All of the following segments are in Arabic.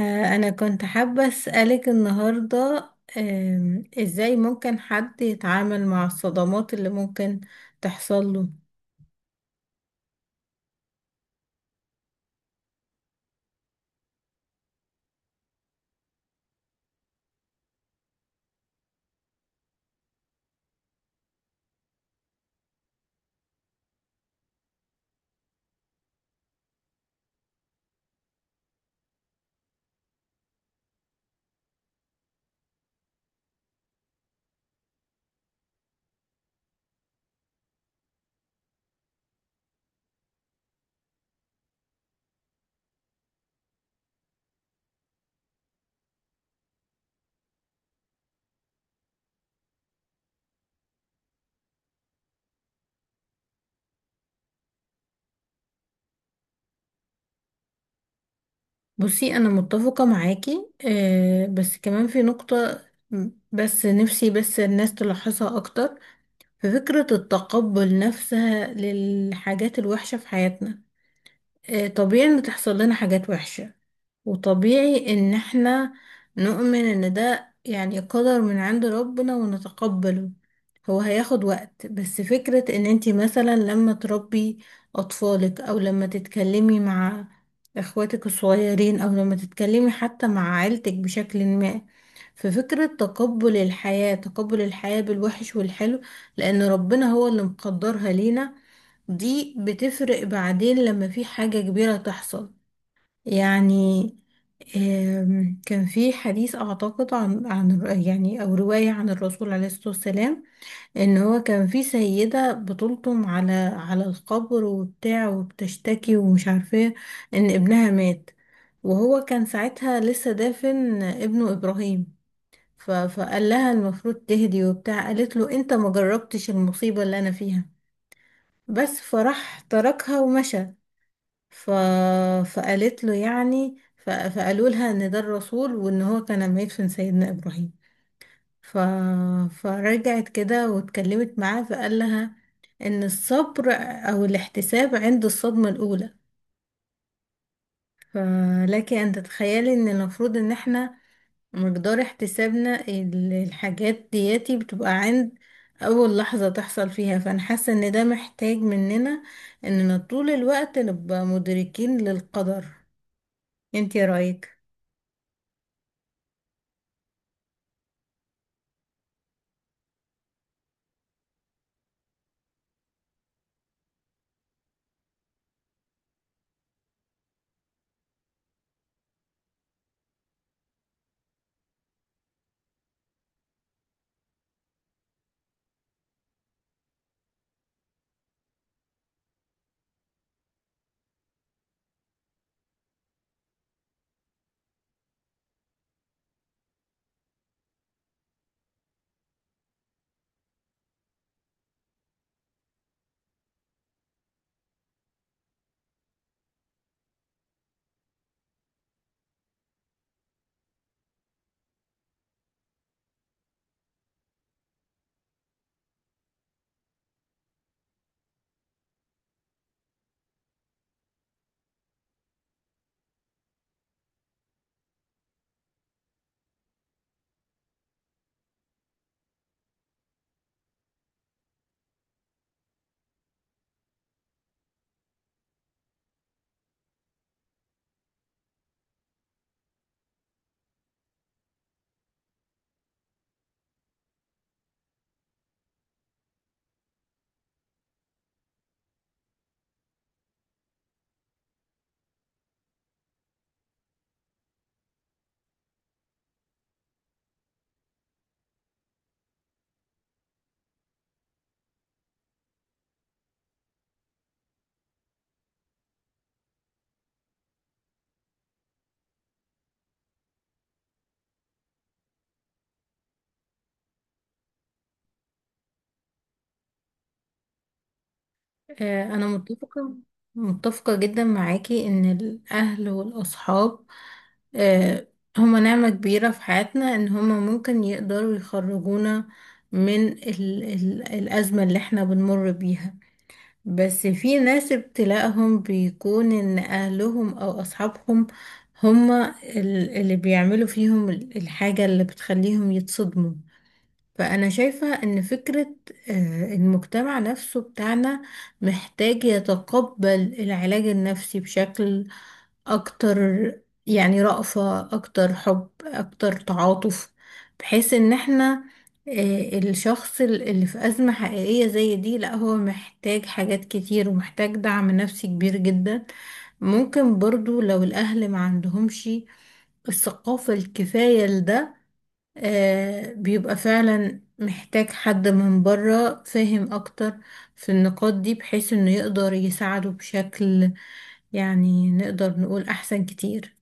أنا كنت حابة أسألك النهاردة، إزاي ممكن حد يتعامل مع الصدمات اللي ممكن تحصل له؟ بصي، أنا متفقة معاكي بس كمان في نقطة. بس نفسي بس الناس تلاحظها أكتر في فكرة التقبل نفسها للحاجات الوحشة في حياتنا. طبيعي ان تحصل لنا حاجات وحشة، وطبيعي ان احنا نؤمن ان ده يعني قدر من عند ربنا ونتقبله. هو هياخد وقت، بس فكرة ان انتي مثلا لما تربي اطفالك او لما تتكلمي مع اخواتك الصغيرين او لما تتكلمي حتى مع عيلتك بشكل ما، ففكرة تقبل الحياة، تقبل الحياة بالوحش والحلو لان ربنا هو اللي مقدرها لينا، دي بتفرق بعدين لما في حاجة كبيرة تحصل. يعني كان في حديث أعتقد عن عن الر- يعني أو رواية عن الرسول عليه الصلاة والسلام، إن هو كان في سيدة بتلطم على على القبر وبتاع وبتشتكي ومش عارفة إيه، إن ابنها مات. وهو كان ساعتها لسه دافن ابنه إبراهيم، فقال لها المفروض تهدي وبتاع. قالت له أنت ما جربتش المصيبة اللي أنا فيها، بس فراح تركها ومشى. ف... فقالت له يعني، فقالوا لها ان ده الرسول وان هو كان ميت في سيدنا ابراهيم. ف... فرجعت كده واتكلمت معاه، فقال لها ان الصبر او الاحتساب عند الصدمة الاولى. فلك ان تتخيلي ان المفروض ان احنا مقدار احتسابنا الحاجات دياتي بتبقى عند اول لحظة تحصل فيها. فانا حاسة ان ده محتاج مننا اننا طول الوقت نبقى مدركين للقدر. انتي رايك؟ أنا متفقة، متفقة جدا معاكي إن الأهل والأصحاب آه، هما نعمة كبيرة في حياتنا، إن هما ممكن يقدروا يخرجونا من ال الأزمة اللي احنا بنمر بيها. بس في ناس ابتلاءهم بيكون إن أهلهم أو أصحابهم هما اللي بيعملوا فيهم الحاجة اللي بتخليهم يتصدموا. فأنا شايفة إن فكرة المجتمع نفسه بتاعنا محتاج يتقبل العلاج النفسي بشكل أكتر، يعني رأفة أكتر، حب أكتر، تعاطف، بحيث إن احنا الشخص اللي في أزمة حقيقية زي دي لا، هو محتاج حاجات كتير ومحتاج دعم نفسي كبير جدا. ممكن برضو لو الأهل ما عندهمش الثقافة الكفاية لده، بيبقى فعلا محتاج حد من بره فاهم اكتر في النقاط دي، بحيث انه يقدر يساعده بشكل يعني نقدر نقول احسن كتير.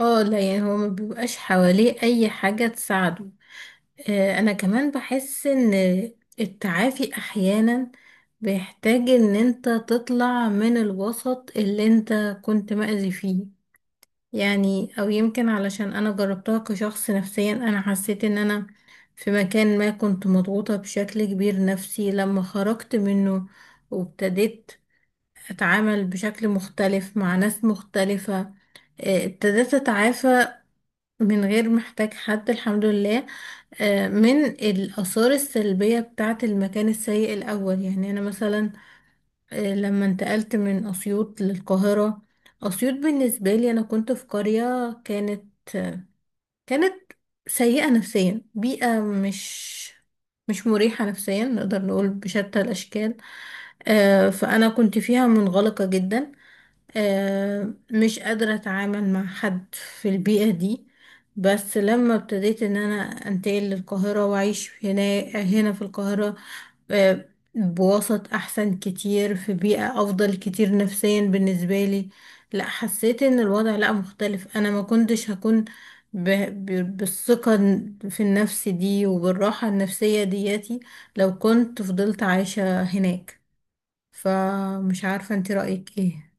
اه لا، يعني هو ما بيبقاش حواليه اي حاجة تساعده. انا كمان بحس ان التعافي احيانا بيحتاج ان انت تطلع من الوسط اللي انت كنت مأذي فيه. يعني او يمكن علشان انا جربتها كشخص نفسيا، انا حسيت ان انا في مكان ما كنت مضغوطة بشكل كبير نفسي، لما خرجت منه وابتديت اتعامل بشكل مختلف مع ناس مختلفة، ابتديت اتعافى من غير محتاج حد، الحمد لله، من الآثار السلبية بتاعة المكان السيء الأول. يعني أنا مثلا، لما انتقلت من أسيوط للقاهرة، أسيوط بالنسبة لي أنا كنت في قرية كانت سيئة نفسيا، بيئة مش مريحة نفسيا نقدر نقول بشتى الأشكال. فأنا كنت فيها منغلقة جدا، مش قادرة اتعامل مع حد في البيئة دي. بس لما ابتديت ان انا انتقل للقاهرة واعيش هنا في القاهرة، آه، بوسط احسن كتير في بيئة افضل كتير نفسيا بالنسبة لي، لا حسيت ان الوضع لا مختلف. انا ما كنتش هكون ب... بالثقة في النفس دي وبالراحة النفسية دياتي لو كنت فضلت عايشة هناك. فمش عارفة انت رأيك ايه؟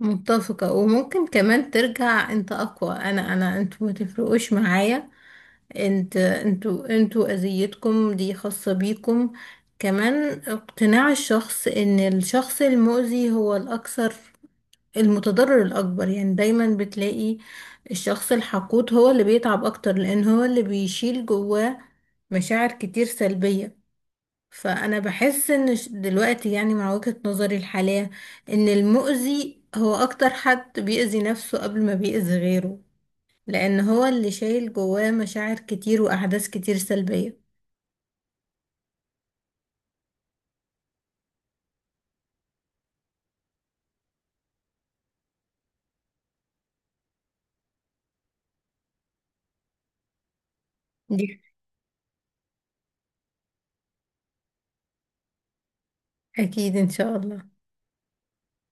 متفقة. وممكن كمان ترجع انت اقوى. انا انتوا ما تفرقوش معايا، انتوا اذيتكم دي خاصة بيكم. كمان اقتناع الشخص ان الشخص المؤذي هو الاكثر، المتضرر الاكبر، يعني دايما بتلاقي الشخص الحقود هو اللي بيتعب اكتر لان هو اللي بيشيل جواه مشاعر كتير سلبية. فانا بحس ان دلوقتي يعني مع وجهة نظري الحالية ان المؤذي هو اكتر حد بيأذي نفسه قبل ما بيأذي غيره، لان هو اللي شايل جواه مشاعر كتير واحداث كتير سلبية. دي اكيد ان شاء الله.